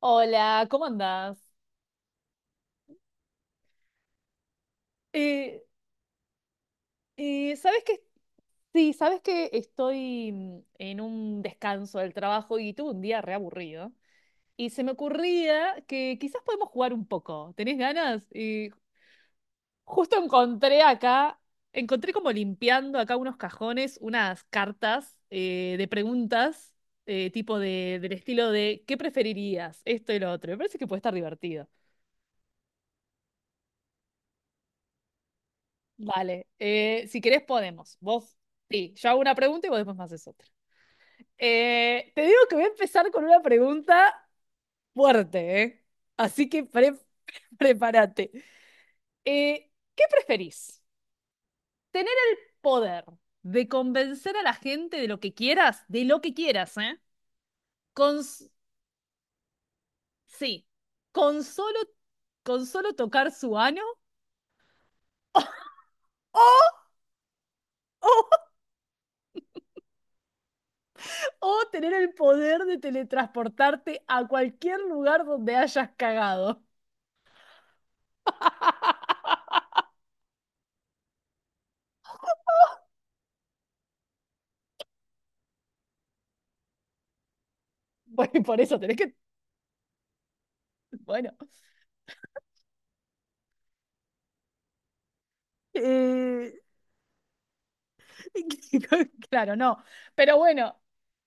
Hola, ¿cómo andás? Eh, ¿Sabes que Sí, sabes que estoy en un descanso del trabajo y tuve un día reaburrido. Y se me ocurría que quizás podemos jugar un poco. ¿Tenés ganas? Y justo encontré como limpiando acá unos cajones, unas cartas de preguntas, tipo del estilo de ¿qué preferirías? Esto y lo otro. Me parece que puede estar divertido. Vale, si querés podemos. Sí, yo hago una pregunta y vos después me haces otra. Te digo que voy a empezar con una pregunta fuerte, ¿eh? Así que prepárate. ¿Qué preferís? ¿Tener el poder de convencer a la gente de lo que quieras? De lo que quieras, ¿eh? Con, s- sí, con solo, con solo tocar su ano. O tener el poder de teletransportarte a cualquier lugar donde hayas cagado. Bueno, por eso tenés que. Bueno. Eh, claro, no. Pero bueno,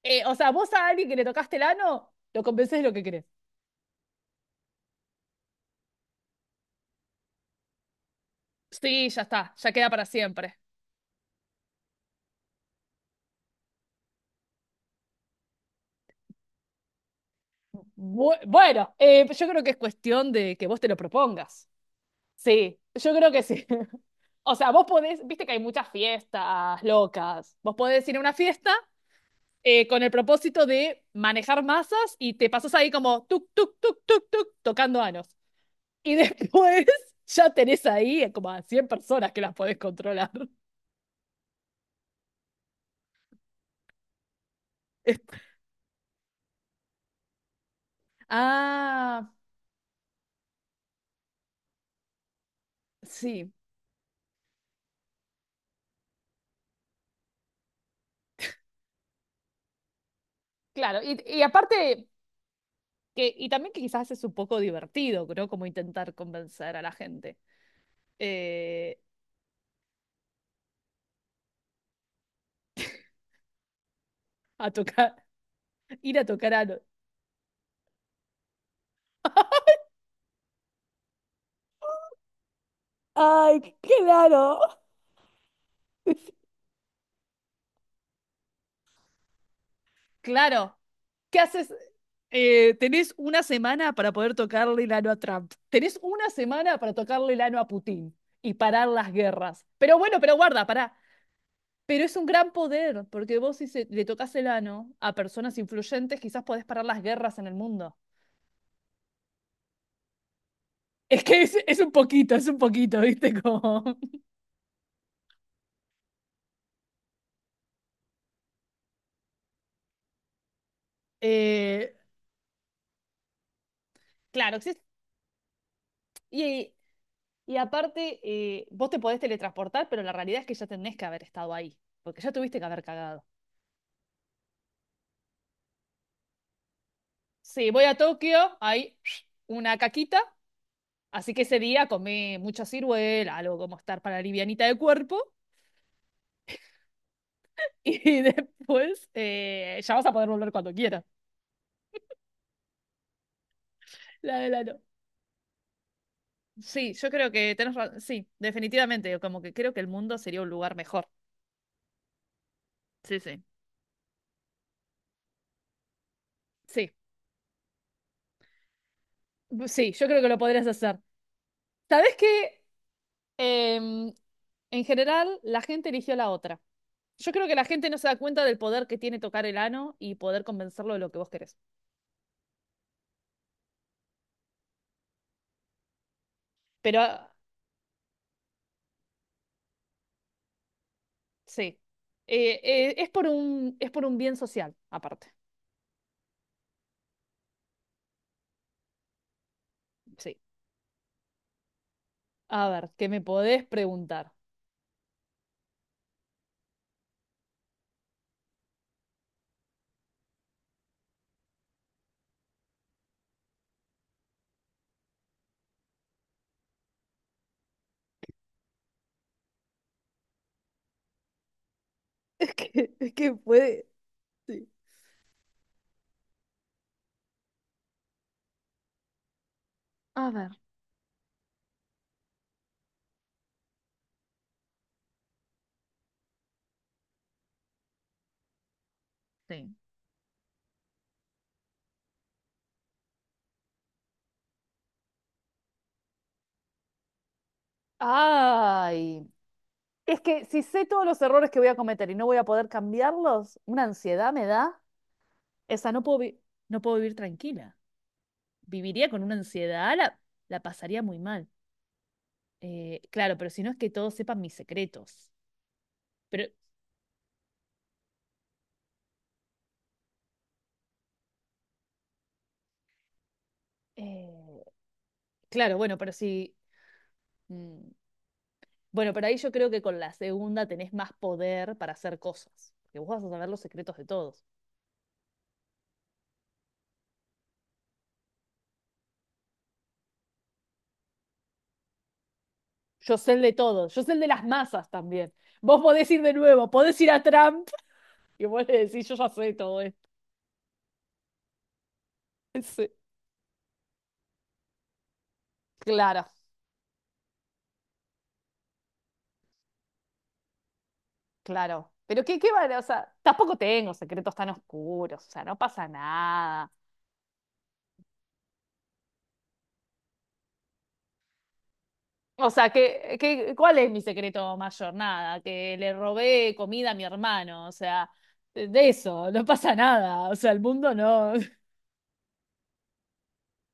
o sea, vos a alguien que le tocaste el ano, lo convencés de lo que querés. Sí, ya está, ya queda para siempre. Bueno, yo creo que es cuestión de que vos te lo propongas. Sí, yo creo que sí. O sea, vos podés, viste que hay muchas fiestas locas. Vos podés ir a una fiesta con el propósito de manejar masas y te pasas ahí como tuk, tuk, tuk, tuk, tuk, tocando anos. Y después ya tenés ahí como a 100 personas que las podés controlar. Ah, sí, claro. Y aparte, y también que quizás es un poco divertido, ¿no? Como intentar convencer a la gente eh, a tocar, ir a tocar anos. Ay, claro. Claro. ¿Qué haces? Tenés una semana para poder tocarle el ano a Trump. Tenés una semana para tocarle el ano a Putin y parar las guerras. Pero bueno, pero guarda, pará. Pero es un gran poder, porque vos si le tocas el ano a personas influyentes, quizás podés parar las guerras en el mundo. Es que es un poquito, es un poquito, ¿viste? Como. Eh, claro, existe. Y, y aparte, vos te podés teletransportar, pero la realidad es que ya tenés que haber estado ahí, porque ya tuviste que haber cagado. Sí, voy a Tokio, hay una caquita, así que ese día comí mucha ciruela, algo como estar para livianita de cuerpo, y después ya vas a poder volver cuando quieras. La de la no. Sí, yo creo que tenés razón. Sí, definitivamente, como que creo que el mundo sería un lugar mejor. Sí, sí. Sí, sí, yo creo que lo podrías hacer. ¿Sabés qué? Em, en general, la gente eligió la otra. Yo creo que la gente no se da cuenta del poder que tiene tocar el ano y poder convencerlo de lo que vos querés. Pero Sí. Es por un bien social, aparte. Sí. A ver, ¿qué me podés preguntar? Es que puede. Sí. A ver. Sí. Ay. Es que si sé todos los errores que voy a cometer y no voy a poder cambiarlos, una ansiedad me da. Esa no puedo, no puedo vivir tranquila. Viviría con una ansiedad, la pasaría muy mal. Claro, pero si no es que todos sepan mis secretos. Pero, eh, claro, bueno, pero si. mm, Bueno, pero ahí yo creo que con la segunda tenés más poder para hacer cosas, porque vos vas a saber los secretos de todos. Yo sé el de todos, yo sé el de las masas también. Vos podés ir de nuevo, podés ir a Trump y vos le decís, yo ya sé todo esto. Sí. Claro, claro. Pero qué vale, o sea, tampoco tengo secretos tan oscuros, o sea, no pasa nada. O sea, cuál es mi secreto mayor? Nada, que le robé comida a mi hermano, o sea, de eso, no pasa nada, o sea, el mundo no.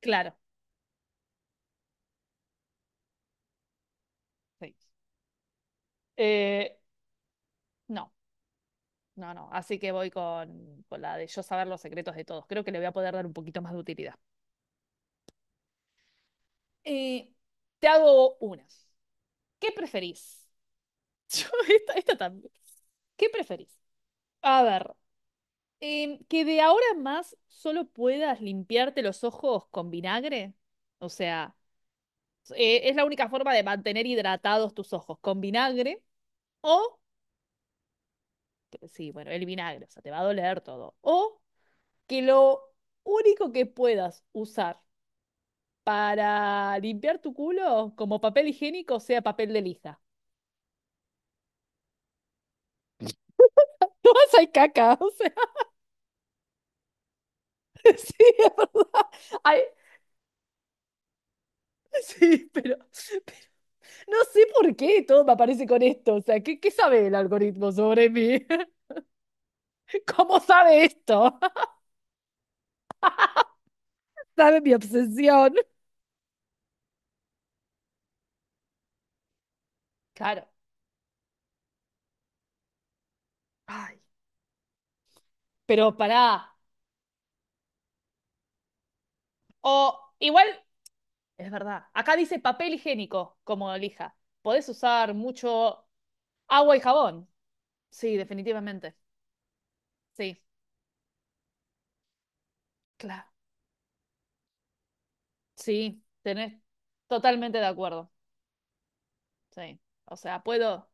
Claro, sí. Eh, no, no, no. Así que voy con, la de yo saber los secretos de todos. Creo que le voy a poder dar un poquito más de utilidad. Eh, te hago una. ¿Qué preferís? Yo, esta también. ¿Qué preferís? A ver, que de ahora en más solo puedas limpiarte los ojos con vinagre. O sea, es la única forma de mantener hidratados tus ojos con vinagre. O, sí, bueno, el vinagre, o sea, te va a doler todo. O que lo único que puedas usar para limpiar tu culo como papel higiénico sea papel de lija. No más hay caca, o sea, sí, es verdad. Hay- sí, pero no sé por qué todo me aparece con esto. O sea, ¿qué sabe el algoritmo sobre mí? ¿Cómo sabe esto? Sabe mi obsesión. Claro. Ay, pero pará. O igual, es verdad. Acá dice papel higiénico como lija. Podés usar mucho agua y jabón. Sí, definitivamente. Sí, claro. Sí, tenés totalmente de acuerdo. Sí. O sea, puedo.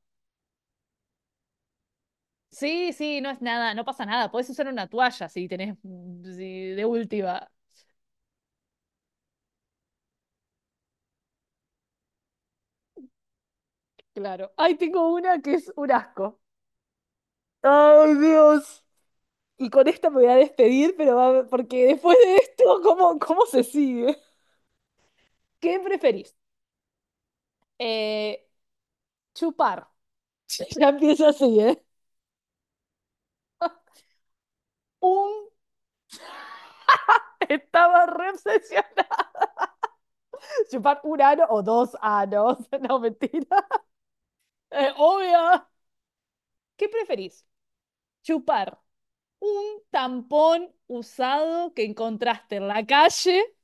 Sí, sí, no es nada, no pasa nada. Podés usar una toalla si tenés sí, de última. Claro. Ay, tengo una que es un asco. Ay, Dios. Y con esta me voy a despedir, pero porque después de esto, ¿cómo se sigue? ¿Qué preferís? Eh, chupar. Ya empieza así, ¿eh? Un estaba re obsesionado Chupar un ano o dos anos. No, mentira. Obvio. ¿Qué preferís? ¿Chupar un tampón usado que encontraste en la calle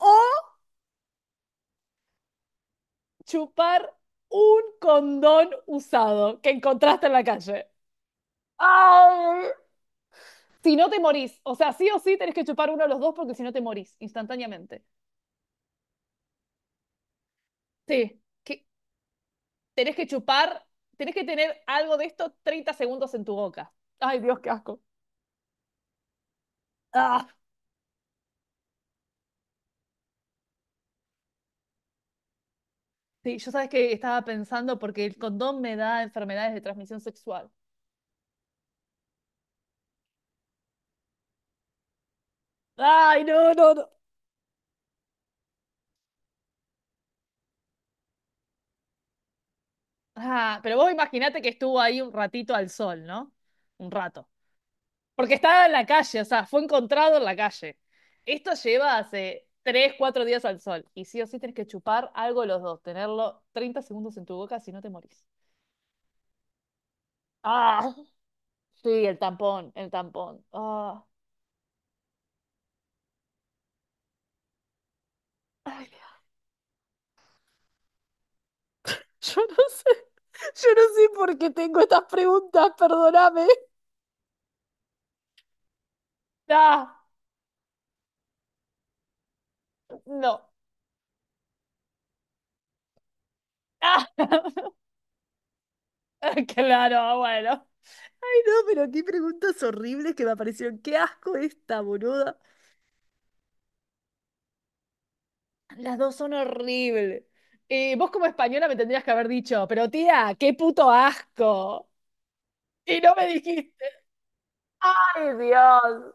o chupar un condón usado que encontraste en la calle? ¡Ay! Si no te morís. O sea, sí o sí tenés que chupar uno de los dos porque si no te morís instantáneamente. Sí. Que tenés que chupar, tenés que tener algo de esto 30 segundos en tu boca. Ay, Dios, qué asco. Ah. Sí, yo sabes que estaba pensando porque el condón me da enfermedades de transmisión sexual. Ay, no, no, no. Ah, pero vos imaginate que estuvo ahí un ratito al sol, ¿no? Un rato. Porque estaba en la calle, o sea, fue encontrado en la calle. Esto lleva hace 3, 4 días al sol. Y sí o sí tenés que chupar algo los dos, tenerlo 30 segundos en tu boca si no te morís. Ah, sí, el tampón, el tampón. Ah. Ay, Dios. Yo no sé, yo no sé por qué tengo estas preguntas, perdóname. Ah. No. Ah, claro, bueno. Ay, no, pero qué preguntas horribles que me aparecieron. Qué asco esta, boluda. Las dos son horribles. Y vos como española me tendrías que haber dicho, pero tía, qué puto asco. Y no me dijiste. Ay, Dios.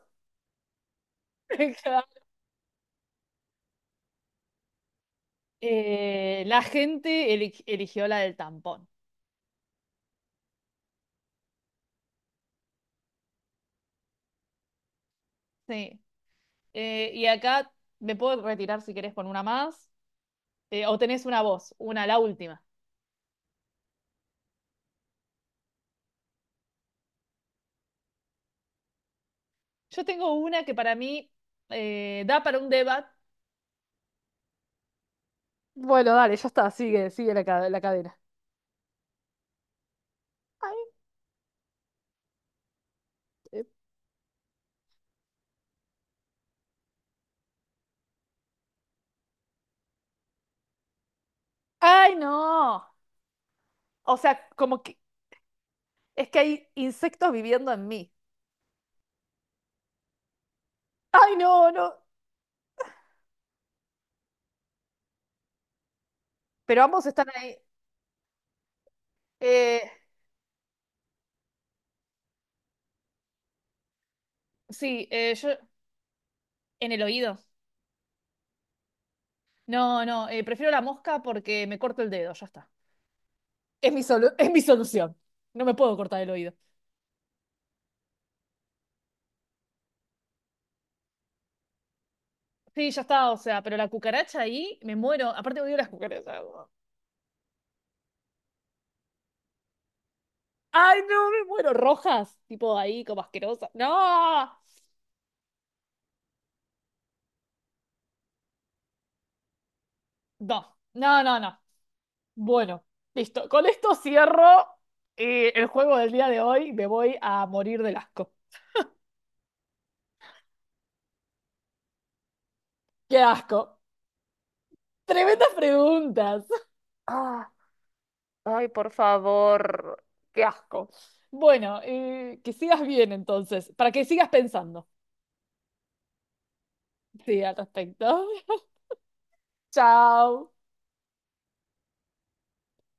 Claro. La gente eligió la del tampón. Sí. Y acá me puedo retirar si querés con una más. O tenés una voz, la última. Yo tengo una que para mí da para un debate. Bueno, dale, ya está, sigue la cadena. Ay, eh, ¡Ay, no! O sea, como que es que hay insectos viviendo en mí, ay, no, no. Pero ambos están ahí. Eh, sí, yo en el oído. No, no, prefiero la mosca porque me corto el dedo, ya está. Es mi solución. No me puedo cortar el oído. Sí, ya está, o sea, pero la cucaracha ahí, me muero. Aparte odio las cucarachas. Ay, no, me muero. Rojas, tipo ahí, como asquerosa. No, no, no, no, no. Bueno, listo. Con esto cierro el juego del día de hoy. Me voy a morir del asco. ¡Qué asco! Tremendas preguntas. Ah, ay, por favor. ¡Qué asco! Bueno, que sigas bien entonces, para que sigas pensando. Sí, al respecto. Chao.